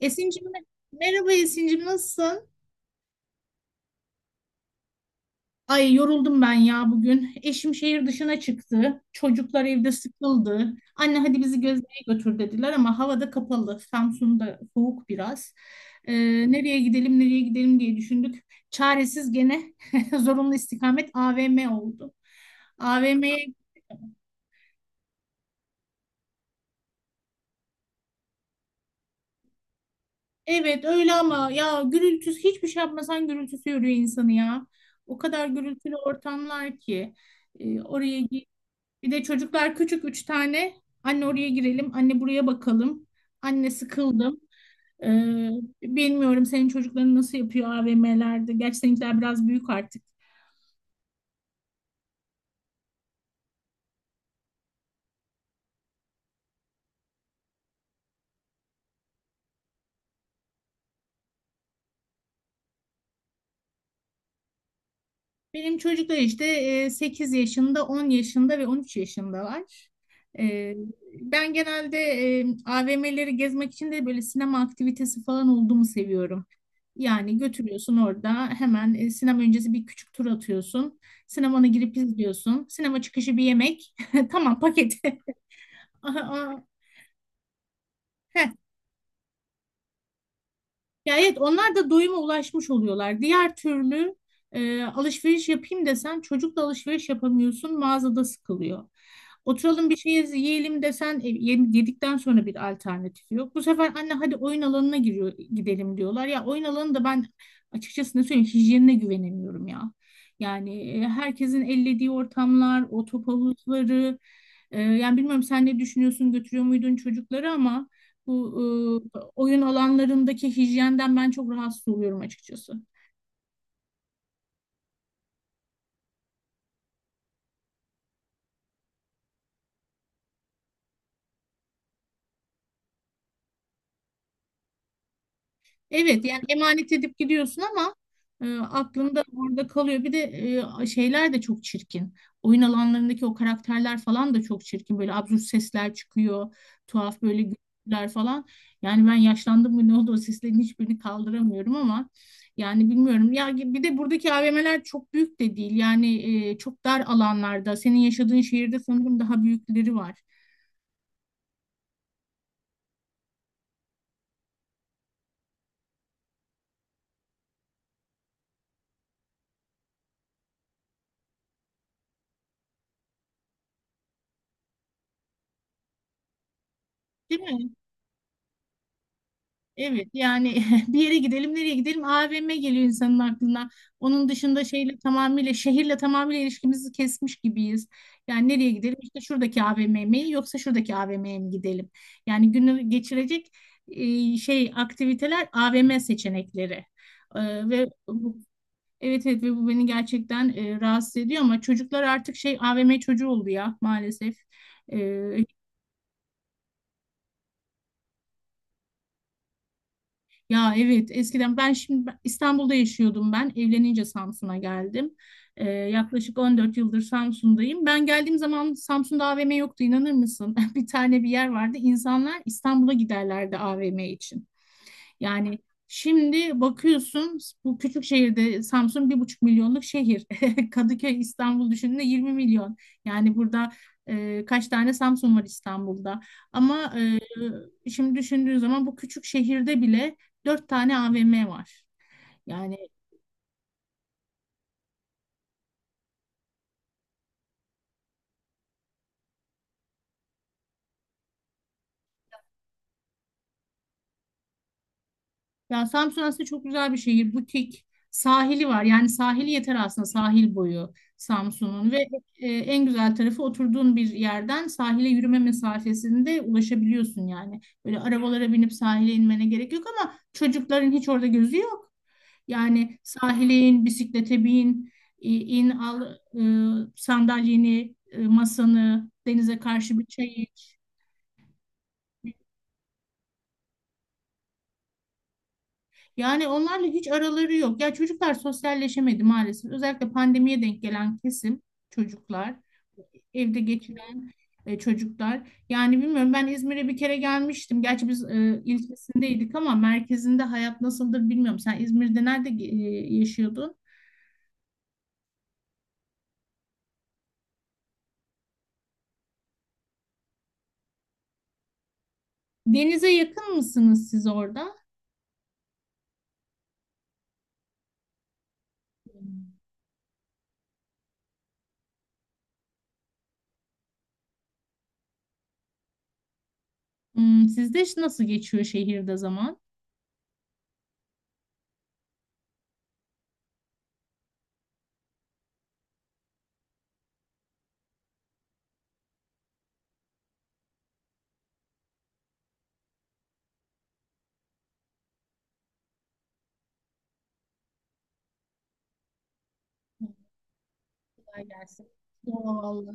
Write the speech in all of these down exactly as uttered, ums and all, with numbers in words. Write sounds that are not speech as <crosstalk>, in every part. Esin'cim mer- merhaba Esin'cim, nasılsın? Ay, yoruldum ben ya bugün. Eşim şehir dışına çıktı. Çocuklar evde sıkıldı. Anne, hadi bizi gezmeye götür, dediler ama havada kapalı. Samsun'da soğuk biraz. Ee, nereye gidelim, nereye gidelim diye düşündük. Çaresiz gene <laughs> zorunlu istikamet A V M oldu. A V M'ye. Evet, öyle ama ya gürültüsü, hiçbir şey yapmasan gürültüsü yoruyor insanı ya. O kadar gürültülü ortamlar ki. E, oraya gi- Bir de çocuklar küçük, üç tane. Anne oraya girelim, anne buraya bakalım. Anne sıkıldım. Ee, bilmiyorum senin çocukların nasıl yapıyor A V M'lerde. Gerçi seninkiler biraz büyük artık. Benim çocuklar işte e, sekiz yaşında, on yaşında ve on üç yaşındalar. Ee, ben genelde e, A V M'leri gezmek için de böyle sinema aktivitesi falan olduğumu seviyorum. Yani götürüyorsun, orada hemen e, sinema öncesi bir küçük tur atıyorsun. Sinemana girip izliyorsun. Sinema çıkışı bir yemek. <laughs> Tamam paketi. <laughs> Aha, aha. Ya evet, onlar da doyuma ulaşmış oluyorlar. Diğer türlü e, alışveriş yapayım desen, çocukla alışveriş yapamıyorsun, mağazada sıkılıyor. Oturalım bir şey yiyelim desen, e, yem- yedikten sonra bir alternatif yok. Bu sefer anne hadi oyun alanına giriyor, gidelim diyorlar. Ya oyun alanı da ben açıkçası ne söyleyeyim, hijyenine güvenemiyorum ya. Yani e, herkesin ellediği ortamlar, o top havuzları. e, yani bilmiyorum, sen ne düşünüyorsun, götürüyor muydun çocukları ama. Bu e, oyun alanlarındaki hijyenden ben çok rahatsız oluyorum açıkçası. Evet, yani emanet edip gidiyorsun ama e, aklında orada kalıyor. Bir de e, şeyler de çok çirkin. Oyun alanlarındaki o karakterler falan da çok çirkin. Böyle absürt sesler çıkıyor. Tuhaf böyle gürültüler falan. Yani ben yaşlandım mı, ne oldu, o seslerin hiçbirini kaldıramıyorum ama yani bilmiyorum. Ya bir de buradaki A V M'ler çok büyük de değil. Yani e, çok dar alanlarda. Senin yaşadığın şehirde sanırım daha büyükleri var. Değil mi? Evet, yani <laughs> bir yere gidelim, nereye gidelim, A V M geliyor insanın aklına. Onun dışında şeyle tamamıyla, şehirle tamamıyla ilişkimizi kesmiş gibiyiz. Yani nereye gidelim, işte şuradaki A V M mi yoksa şuradaki A V M'ye mi gidelim? Yani günü geçirecek e, şey aktiviteler, A V M seçenekleri. E, ve bu, evet, evet, ve bu beni gerçekten e, rahatsız ediyor ama çocuklar artık şey A V M çocuğu oldu ya, maalesef. E, Ya evet, eskiden ben şimdi ben- İstanbul'da yaşıyordum ben. Evlenince Samsun'a geldim. Ee, yaklaşık on dört yıldır Samsun'dayım. Ben geldiğim zaman Samsun'da A V M yoktu, inanır mısın? <laughs> Bir tane bir yer vardı. İnsanlar İstanbul'a giderlerdi A V M için. Yani şimdi bakıyorsun, bu küçük şehirde Samsun bir buçuk milyonluk şehir. <laughs> Kadıköy, İstanbul düşündüğünde yirmi milyon. Yani burada e, kaç tane Samsun var İstanbul'da. Ama e, şimdi düşündüğün zaman, bu küçük şehirde bile dört tane A V M var. Yani, ya Samsun aslında çok güzel bir şehir. Butik, sahili var. Yani sahili yeter aslında, sahil boyu Samsun'un ve e, en güzel tarafı oturduğun bir yerden sahile yürüme mesafesinde ulaşabiliyorsun yani. Böyle arabalara binip sahile inmene gerek yok ama çocukların hiç orada gözü yok. Yani sahile in, bisiklete bin, i- in, al e, sandalyeni, e, masanı, denize karşı bir çay. Yani onlarla hiç araları yok. Ya çocuklar sosyalleşemedi maalesef. Özellikle pandemiye denk gelen kesim çocuklar, evde geçiren e, çocuklar. Yani bilmiyorum, ben İzmir'e bir kere gelmiştim. Gerçi biz e, ilçesindeydik ama merkezinde hayat nasıldır bilmiyorum. Sen İzmir'de nerede e, yaşıyordun? Denize yakın mısınız siz orada? Hmm, sizde nasıl geçiyor şehirde zaman? Kolay gelsin. Doğal.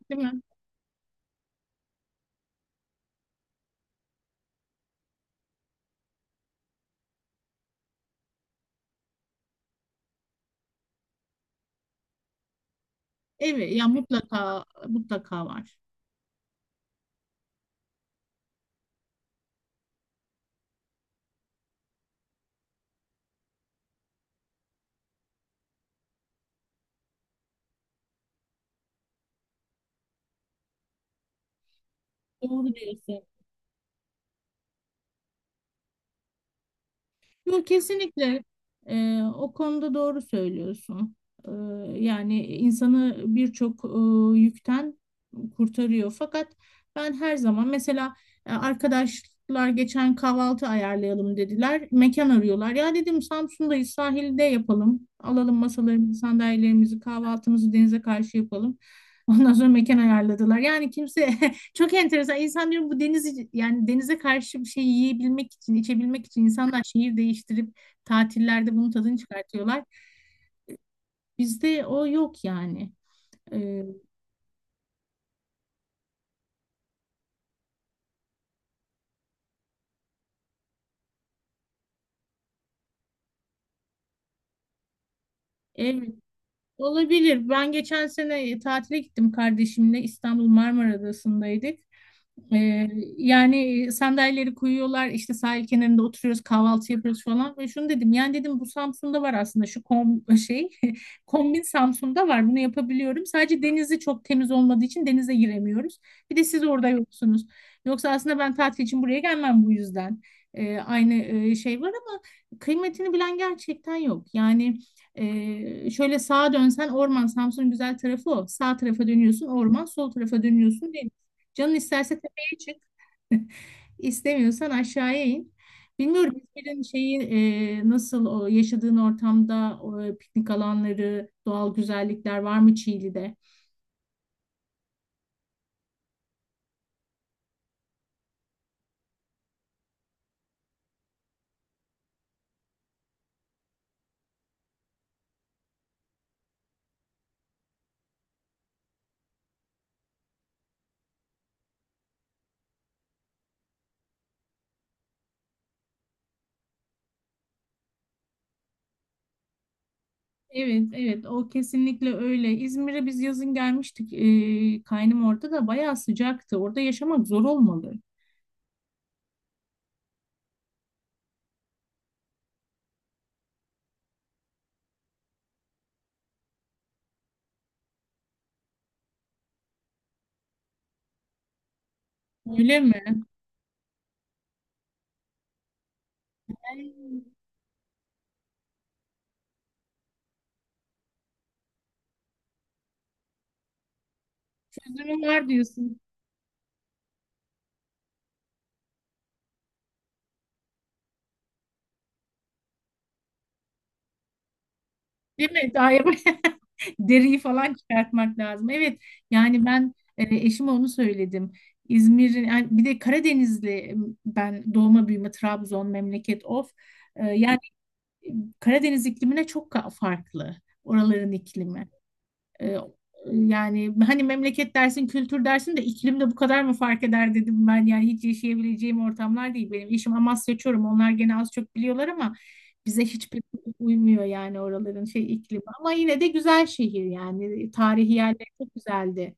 Evet, değil mi? Evet, ya mutlaka mutlaka var. Doğru diyorsun. Yok, kesinlikle. Ee, o konuda doğru söylüyorsun. Ee, yani insanı birçok e, yükten kurtarıyor. Fakat ben her zaman mesela, e, arkadaşlar geçen kahvaltı ayarlayalım dediler. Mekan arıyorlar. Ya dedim, Samsun'dayız, sahilde yapalım. Alalım masalarımızı, sandalyelerimizi, kahvaltımızı denize karşı yapalım. <laughs> Ondan sonra mekan ayarladılar. Yani kimse. <laughs> Çok enteresan. İnsan diyorum, bu deniz, yani denize karşı bir şey yiyebilmek için, içebilmek için insanlar şehir değiştirip tatillerde bunun tadını çıkartıyorlar. Bizde o yok yani. Ee, evet, olabilir. Ben geçen sene tatile gittim kardeşimle. İstanbul Marmara Adası'ndaydık. Ee, yani sandalyeleri koyuyorlar işte, sahil kenarında oturuyoruz, kahvaltı yapıyoruz falan ve şunu dedim, yani dedim, bu Samsun'da var aslında, şu kom şey <laughs> kombin Samsun'da var, bunu yapabiliyorum, sadece denizi çok temiz olmadığı için denize giremiyoruz, bir de siz orada yoksunuz, yoksa aslında ben tatil için buraya gelmem bu yüzden. Ee, aynı e, şey var ama kıymetini bilen gerçekten yok yani. E, şöyle sağa dönsen orman, Samsun'un güzel tarafı o, sağ tarafa dönüyorsun orman, sol tarafa dönüyorsun deniz. Canın isterse çık. İstemiyorsan aşağıya in. Bilmiyorum, İzmir'in şeyi e, nasıl, o yaşadığın ortamda, o piknik alanları, doğal güzellikler var mı Çiğli'de? Evet, evet, o kesinlikle öyle. İzmir'e biz yazın gelmiştik. Ee, kaynım orada da bayağı sıcaktı. Orada yaşamak zor olmalı. Öyle mi? Ay, çözümü var diyorsun. Değil mi? Daha yap- <laughs> deriyi falan çıkartmak lazım. Evet, yani ben e, eşime onu söyledim. İzmir'in, yani bir de Karadenizli, e, ben doğma büyüme Trabzon memleket, of. E, yani Karadeniz iklimine çok ka- farklı oraların iklimi. Ee, yani hani memleket dersin, kültür dersin de iklimde bu kadar mı fark eder dedim ben. Yani hiç yaşayabileceğim ortamlar değil benim. Eşim Amasya Çorum. Onlar gene az çok biliyorlar ama bize hiçbir uymuyor, yani oraların şey iklimi. Ama yine de güzel şehir yani. Tarihi yerleri çok güzeldi.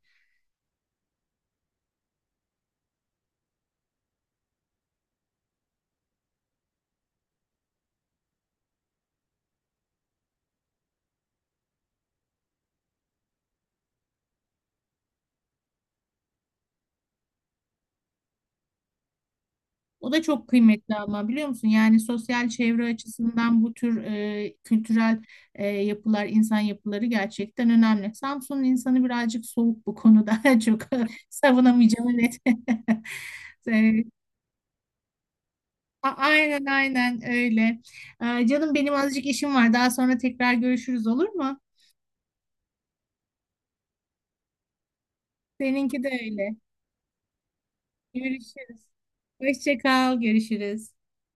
O da çok kıymetli ama biliyor musun? Yani sosyal çevre açısından bu tür e, kültürel e, yapılar, insan yapıları gerçekten önemli. Samsun'un insanı birazcık soğuk bu konuda. <laughs> Çok <laughs> savunamayacağım, net. <laughs> E, a- Aynen, aynen öyle. E, canım benim azıcık işim var. Daha sonra tekrar görüşürüz, olur mu? Seninki de öyle. Görüşürüz. Hoşça kal, görüşürüz.